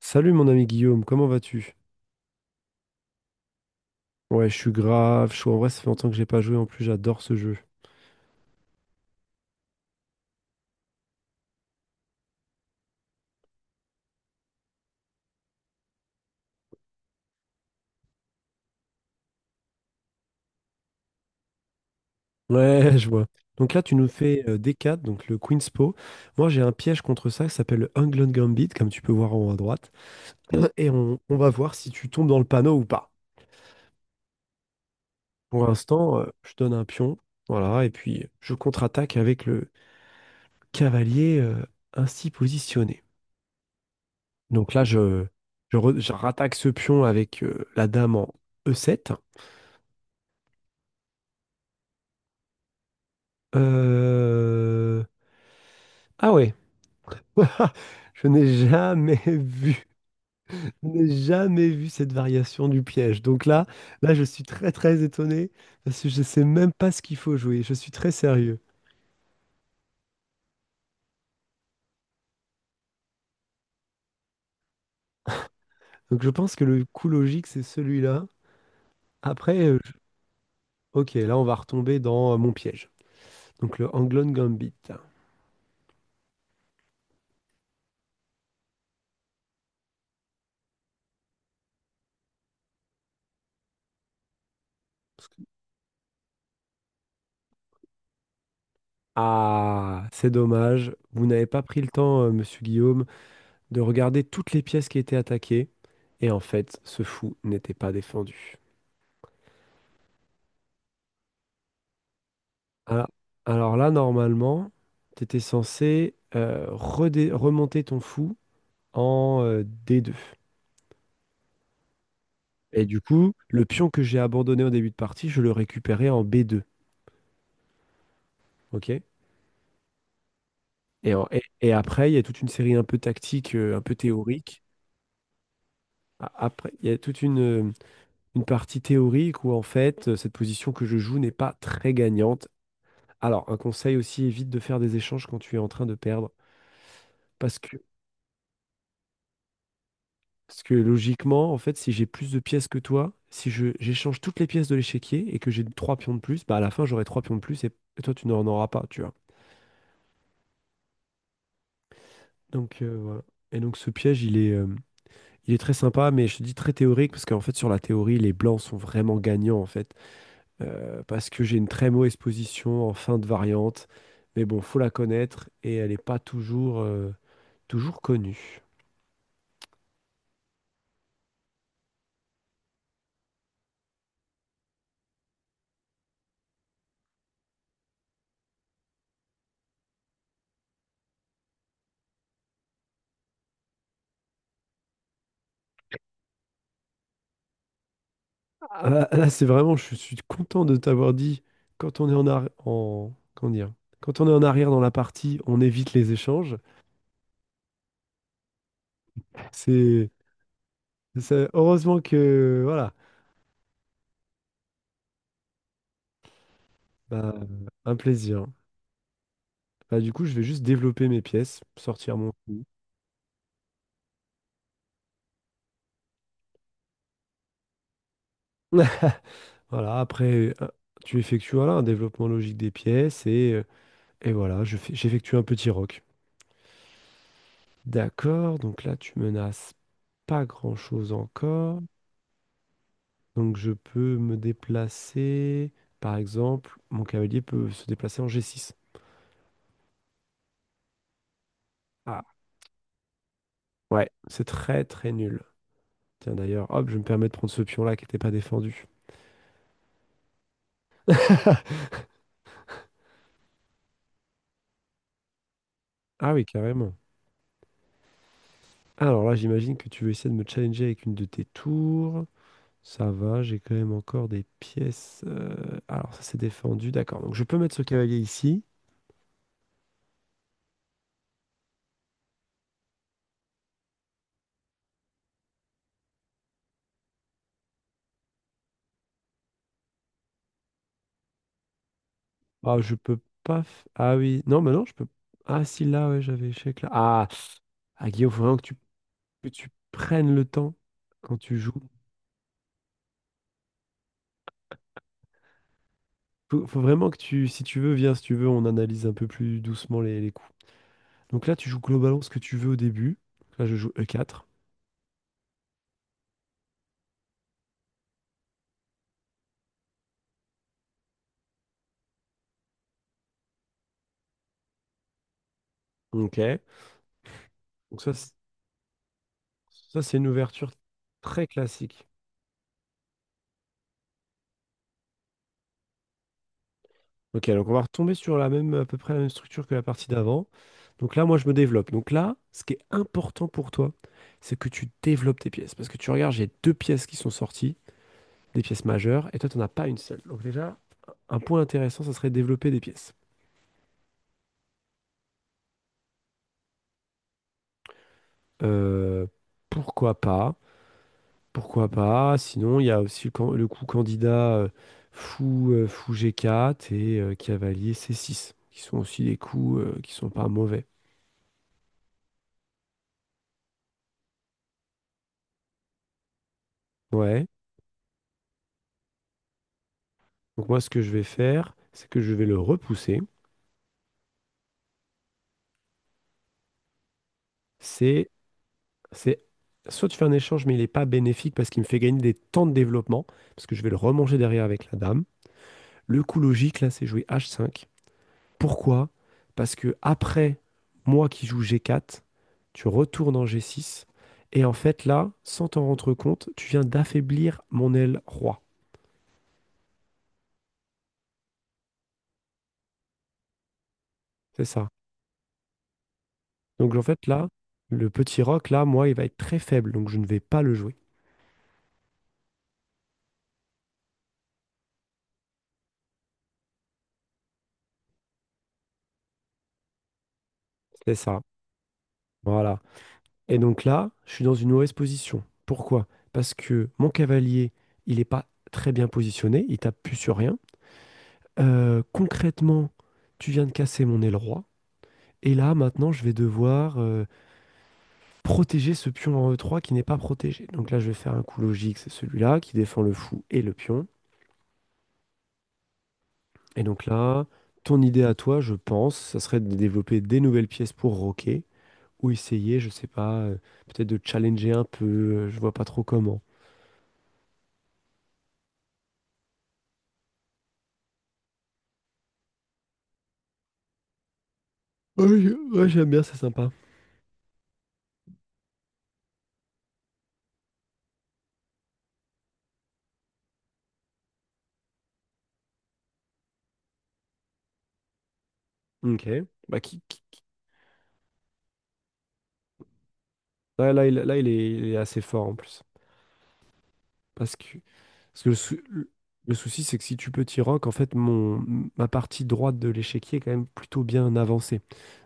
Salut mon ami Guillaume, comment vas-tu? Ouais, je suis grave chaud. En vrai, ça fait longtemps que j'ai pas joué. En plus, j'adore ce jeu. Ouais, je vois. Donc là, tu nous fais D4, donc le Queen's Po. Moi, j'ai un piège contre ça qui s'appelle le England Gambit, comme tu peux voir en haut à droite. Et on va voir si tu tombes dans le panneau ou pas. Pour l'instant, je donne un pion. Voilà, et puis je contre-attaque avec le cavalier ainsi positionné. Donc là, je rattaque ce pion avec la dame en E7. Euh, Ah ouais. Je n'ai jamais vu, je n'ai jamais vu cette variation du piège. Donc là, là, je suis très très étonné parce que je ne sais même pas ce qu'il faut jouer. Je suis très sérieux. Donc je pense que le coup logique, c'est celui-là. Après, ok, là, on va retomber dans mon piège. Donc le Anglon Gambit. Parce que- Ah, c'est dommage. Vous n'avez pas pris le temps, monsieur Guillaume, de regarder toutes les pièces qui étaient attaquées. Et en fait, ce fou n'était pas défendu. Alors, alors là, normalement, tu étais censé remonter ton fou en D2. Et du coup, le pion que j'ai abandonné au début de partie, je le récupérais en B2. OK? Et après, il y a toute une série un peu tactique, un peu théorique. Après, il y a toute une partie théorique où, en fait, cette position que je joue n'est pas très gagnante. Alors, un conseil aussi, évite de faire des échanges quand tu es en train de perdre. parce que Parce que logiquement, en fait, si j'ai plus de pièces que toi, si je j'échange toutes les pièces de l'échiquier et que j'ai trois pions de plus, bah à la fin j'aurai trois pions de plus et toi tu n'en auras pas, tu vois. Donc voilà. Et donc ce piège, il est très sympa, mais je te dis très théorique parce qu'en fait sur la théorie, les blancs sont vraiment gagnants en fait. Parce que j'ai une très mauvaise position en fin de variante, mais bon, faut la connaître et elle n'est pas toujours connue. Ah, là, là, c'est vraiment, je suis content de t'avoir dit, quand on est en arrière, en, comment dire, quand on est en arrière dans la partie, on évite les échanges. C'est, heureusement que, voilà, bah, un plaisir. Bah, du coup, je vais juste développer mes pièces, sortir mon coup. Voilà, après, tu effectues voilà, un développement logique des pièces et voilà, j'effectue un petit rock. D'accord, donc là, tu menaces pas grand-chose encore. Donc je peux me déplacer, par exemple, mon cavalier peut se déplacer en G6. Ah, ouais, c'est très très nul. Tiens d'ailleurs, hop, je me permets de prendre ce pion-là qui n'était pas défendu. Ah oui, carrément. Alors là, j'imagine que tu veux essayer de me challenger avec une de tes tours. Ça va, j'ai quand même encore des pièces. Alors ça c'est défendu, d'accord. Donc je peux mettre ce cavalier ici. Ah, je peux pas... Ah oui, non, mais non, je peux... Ah si, là, ouais, j'avais échec là. Ah, ah Guillaume, faut vraiment que tu prennes le temps quand tu joues. Faut vraiment que tu, si tu veux, viens, si tu veux, on analyse un peu plus doucement les coups. Donc là, tu joues globalement ce que tu veux au début. Là, je joue E4. Ok. Donc ça c'est une ouverture très classique. Ok, donc on va retomber sur la même, à peu près la même structure que la partie d'avant. Donc là, moi, je me développe. Donc là, ce qui est important pour toi, c'est que tu développes tes pièces. Parce que tu regardes, j'ai deux pièces qui sont sorties, des pièces majeures, et toi, tu n'en as pas une seule. Donc déjà, un point intéressant, ça serait développer des pièces. Euh, Pourquoi pas? Pourquoi pas? Sinon, il y a aussi le coup candidat fou G4 et cavalier C6, qui sont aussi des coups qui sont pas mauvais. Ouais. Donc moi, ce que je vais faire, c'est que je vais le repousser. C'est, c'est soit tu fais un échange, mais il n'est pas bénéfique parce qu'il me fait gagner des temps de développement, parce que je vais le remanger derrière avec la dame. Le coup logique, là, c'est jouer H5. Pourquoi? Parce que après, moi qui joue G4, tu retournes en G6 et en fait là, sans t'en rendre compte, tu viens d'affaiblir mon aile roi. C'est ça. Donc en fait là, le petit roc là, moi, il va être très faible, donc je ne vais pas le jouer. C'est ça. Voilà. Et donc là, je suis dans une mauvaise position. Pourquoi? Parce que mon cavalier, il n'est pas très bien positionné, il tape plus sur rien. Concrètement, tu viens de casser mon aile roi. Et là, maintenant, je vais devoir protéger ce pion en E3 qui n'est pas protégé. Donc là, je vais faire un coup logique, c'est celui-là qui défend le fou et le pion. Et donc là, ton idée à toi, je pense, ça serait de développer des nouvelles pièces pour roquer ou essayer, je sais pas, peut-être de challenger un peu, je vois pas trop comment. Ouais, ouais, j'aime bien, c'est sympa. Ok. Bah. Ouais, là, il, là, il est assez fort en plus. Parce que, parce que le souci, c'est que si tu peux t'y rock, en fait, ma partie droite de l'échiquier est quand même plutôt bien avancée.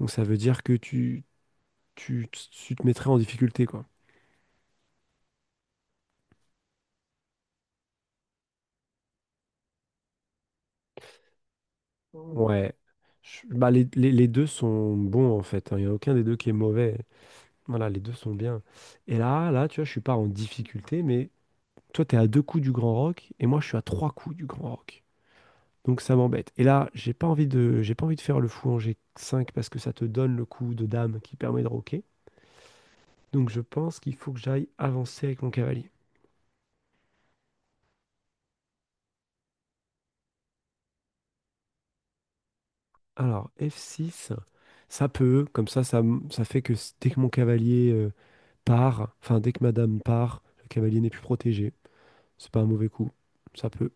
Donc ça veut dire que tu te mettrais en difficulté, quoi. Ouais. Bah, les deux sont bons, en fait. Hein. Il n'y a aucun des deux qui est mauvais. Voilà, les deux sont bien. Et là, là, tu vois, je suis pas en difficulté, mais toi, tu es à deux coups du Grand Rock et moi, je suis à trois coups du Grand Rock. Donc ça m'embête. Et là, j'ai pas envie de faire le fou en G5 parce que ça te donne le coup de dame qui permet de roquer. Donc je pense qu'il faut que j'aille avancer avec mon cavalier. Alors, F6, ça peut, comme ça, ça fait que dès que mon cavalier part, enfin, dès que madame part, le cavalier n'est plus protégé. C'est pas un mauvais coup, ça peut.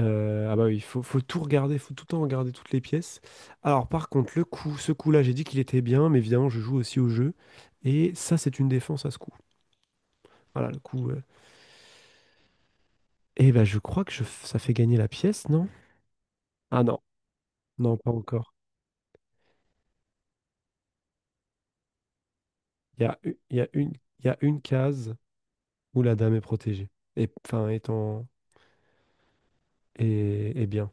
Ah bah oui, il faut tout regarder, faut tout le temps regarder toutes les pièces. Alors, par contre, ce coup-là, j'ai dit qu'il était bien, mais évidemment, je joue aussi au jeu. Et ça, c'est une défense à ce coup. Voilà, le coup. Euh. Eh ben, je crois que ça fait gagner la pièce, non? Ah non, non, pas encore. Il y a, u- il y a une, il y a une case où la dame est protégée. Et, enfin, étant. Et bien,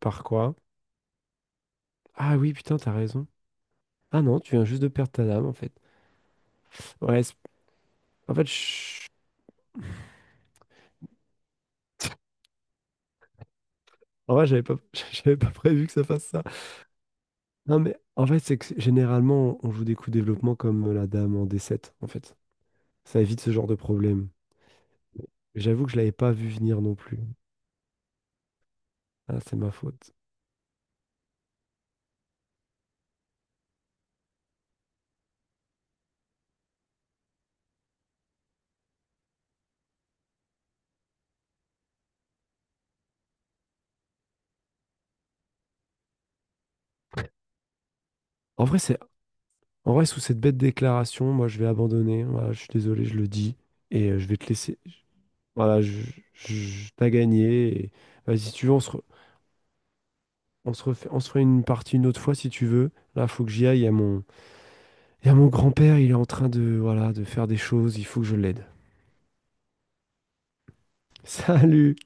par quoi? Ah oui, putain, t'as raison. Ah non, tu viens juste de perdre ta dame, en fait. Ouais, en fait, en vrai, j'avais pas... j'avais pas prévu que ça fasse ça. Non, mais en fait, c'est que généralement, on joue des coups de développement comme la dame en D7 en fait. Ça évite ce genre de problème. J'avoue que je l'avais pas vu venir non plus. Ah, c'est ma faute. En vrai, c'est... En vrai, sous cette bête déclaration, moi, je vais abandonner. Voilà, je suis désolé, je le dis. Et je vais te laisser... Voilà, t'as gagné. Vas-y, si tu veux, on se... On on se fait une partie une autre fois si tu veux. Là, faut que j'y aille. Il y a mon grand-père, il est en train de, voilà, de faire des choses. Il faut que je l'aide. Salut!